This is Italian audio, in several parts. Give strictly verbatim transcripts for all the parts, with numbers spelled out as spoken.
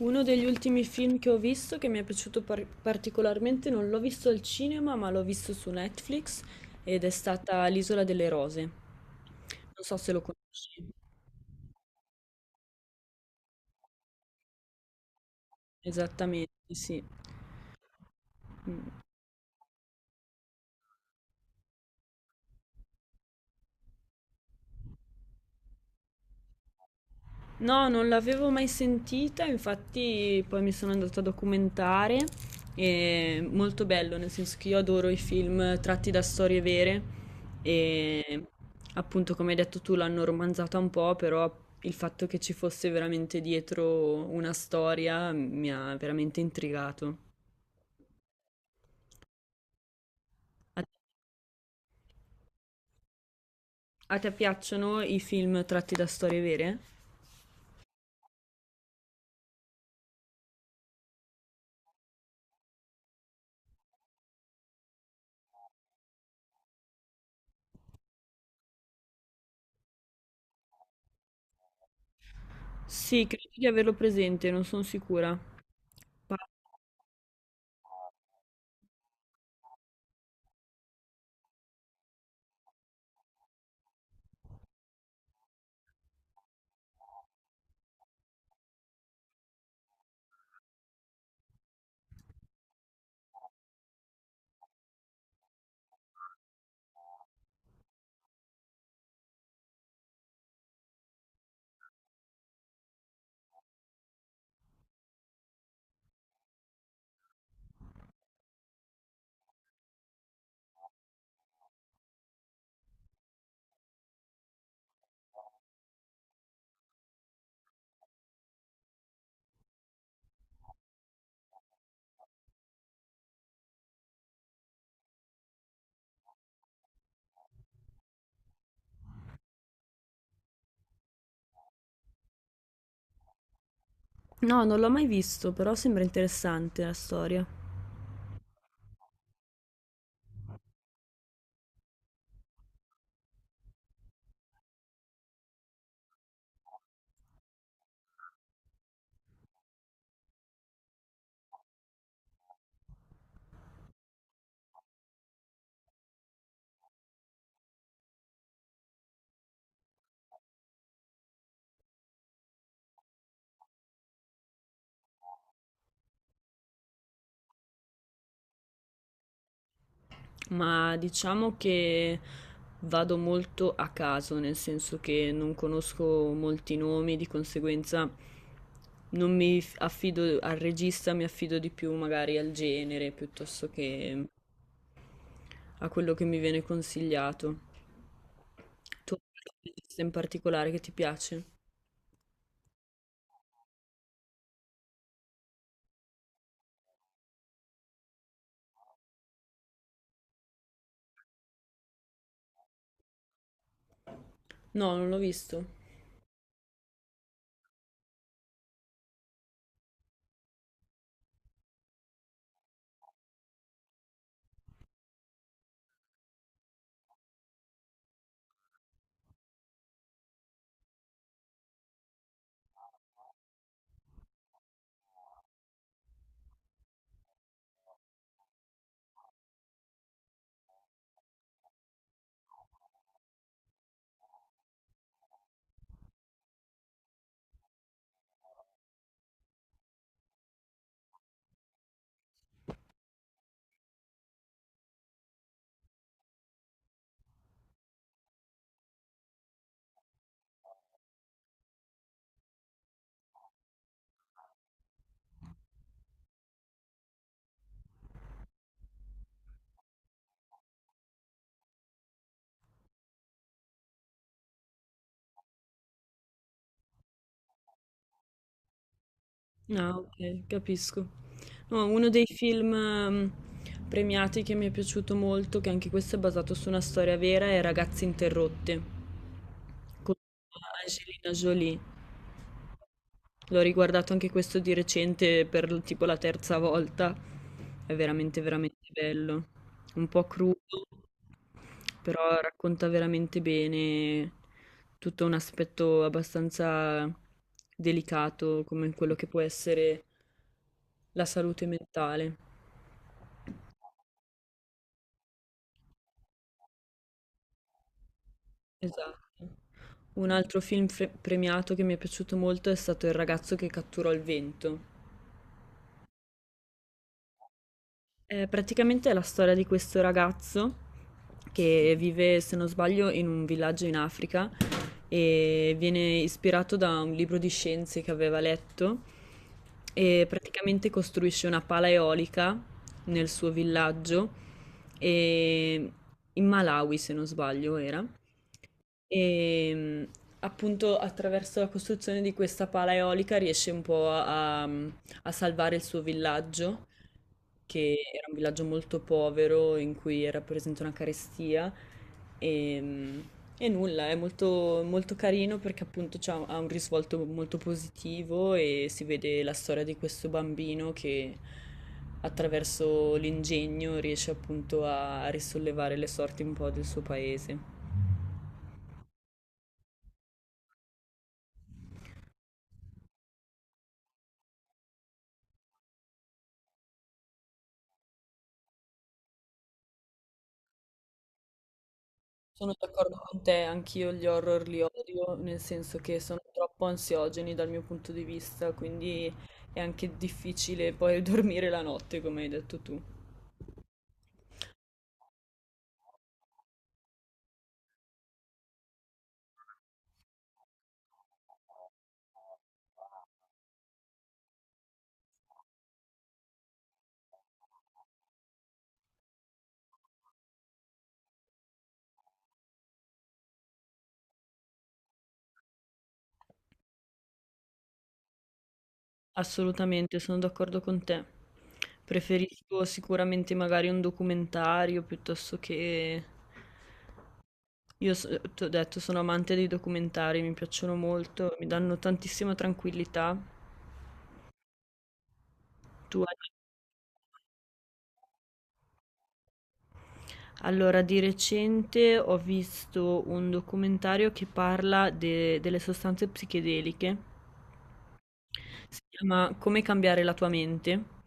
Uno degli ultimi film che ho visto, che mi è piaciuto par- particolarmente, non l'ho visto al cinema, ma l'ho visto su Netflix ed è stata L'Isola delle Rose. Non so se lo conosci. Esattamente, sì. Mm. No, non l'avevo mai sentita, infatti poi mi sono andata a documentare. È molto bello, nel senso che io adoro i film tratti da storie vere e appunto, come hai detto tu, l'hanno romanzata un po', però il fatto che ci fosse veramente dietro una storia mi ha veramente intrigato. A a te piacciono i film tratti da storie vere? Sì, credo di averlo presente, non sono sicura. No, non l'ho mai visto, però sembra interessante la storia. Ma diciamo che vado molto a caso, nel senso che non conosco molti nomi, di conseguenza non mi f- affido al regista, mi affido di più magari al genere piuttosto che a quello che mi viene consigliato. Tu hai un regista in particolare che ti piace? No, non l'ho visto. Ah, ok, capisco. No, uno dei film ehm, premiati che mi è piaciuto molto, che anche questo è basato su una storia vera, è Ragazze interrotte con Angelina Jolie. L'ho riguardato anche questo di recente per tipo la terza volta. È veramente, veramente bello. Un po' crudo, però racconta veramente bene tutto un aspetto abbastanza delicato come quello che può essere la salute mentale. Esatto. Un altro film fre- premiato che mi è piaciuto molto è stato Il ragazzo che catturò il vento. Eh, praticamente è la storia di questo ragazzo che vive, se non sbaglio, in un villaggio in Africa e viene ispirato da un libro di scienze che aveva letto e praticamente costruisce una pala eolica nel suo villaggio e in Malawi, se non sbaglio, era. E mh, appunto, attraverso la costruzione di questa pala eolica riesce un po' a, a salvare il suo villaggio, che era un villaggio molto povero in cui era presente una carestia e, e nulla, è molto, molto carino perché appunto c'ha- ha un risvolto molto positivo e si vede la storia di questo bambino che attraverso l'ingegno riesce appunto a risollevare le sorti un po' del suo paese. Sono d'accordo con te, anch'io gli horror li odio, nel senso che sono troppo ansiogeni dal mio punto di vista, quindi è anche difficile poi dormire la notte, come hai detto tu. Assolutamente, sono d'accordo con te. Preferisco sicuramente magari un documentario piuttosto che... Io so- Ti ho detto, sono amante dei documentari, mi piacciono molto, mi danno tantissima tranquillità. Tu hai... Allora, di recente ho visto un documentario che parla de- delle sostanze psichedeliche. Si chiama Come cambiare la tua mente.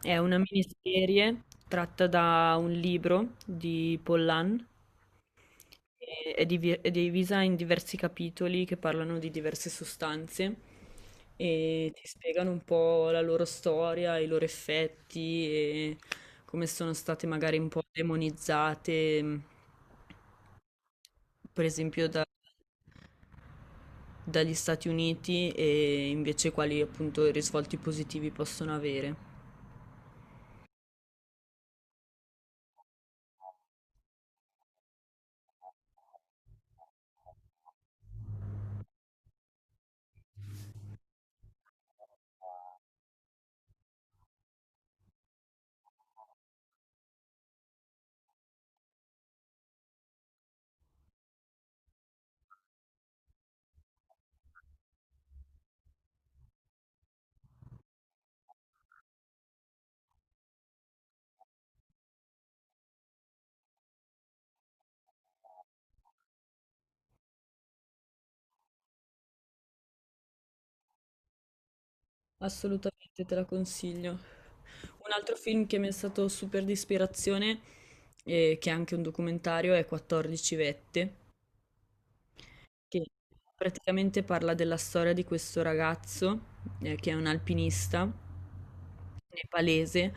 È una miniserie tratta da un libro di Pollan e- è, divi- è divisa in diversi capitoli che parlano di diverse sostanze e ti spiegano un po' la loro storia, i loro effetti e come sono state magari un po' demonizzate, mh, per esempio da- dagli Stati Uniti, e invece quali appunto risvolti positivi possono avere. Assolutamente te la consiglio. Un altro film che mi è stato super di ispirazione, e che è anche un documentario, è quattordici Vette, che praticamente parla della storia di questo ragazzo, ehm, che è un alpinista nepalese,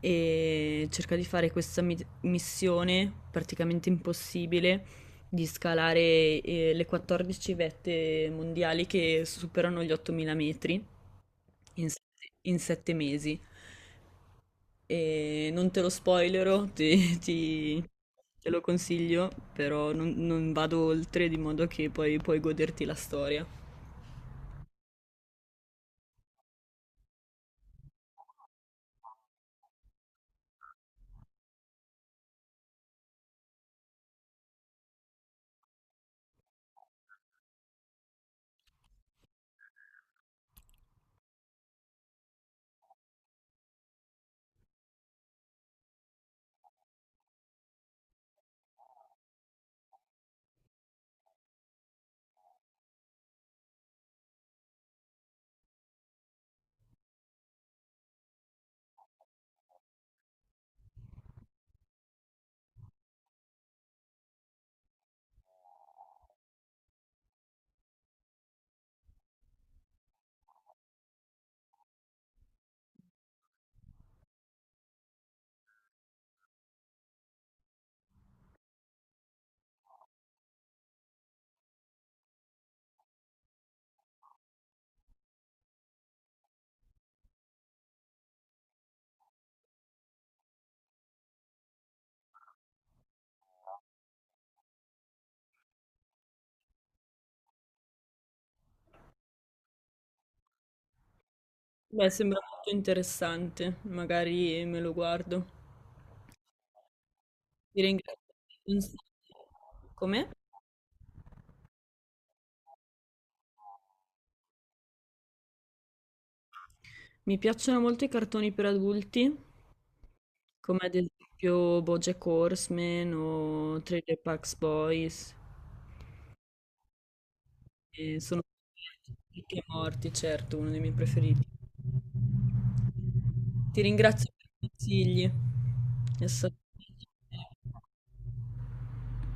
e cerca di fare questa mit missione praticamente impossibile di scalare, ehm, le quattordici vette mondiali che superano gli ottomila metri in s in sette mesi. Ehm, non te lo spoilerò, ti ti te lo consiglio, però non non vado oltre, di modo che poi puoi goderti la storia. Beh, sembra molto interessante, magari me lo guardo. Ti ringrazio. Come? Mi piacciono molto i cartoni per adulti, come ad esempio BoJack Horseman o Trailer Park Boys. E sono tutti e morti, certo, uno dei miei preferiti. Ti ringrazio per i consigli. È stato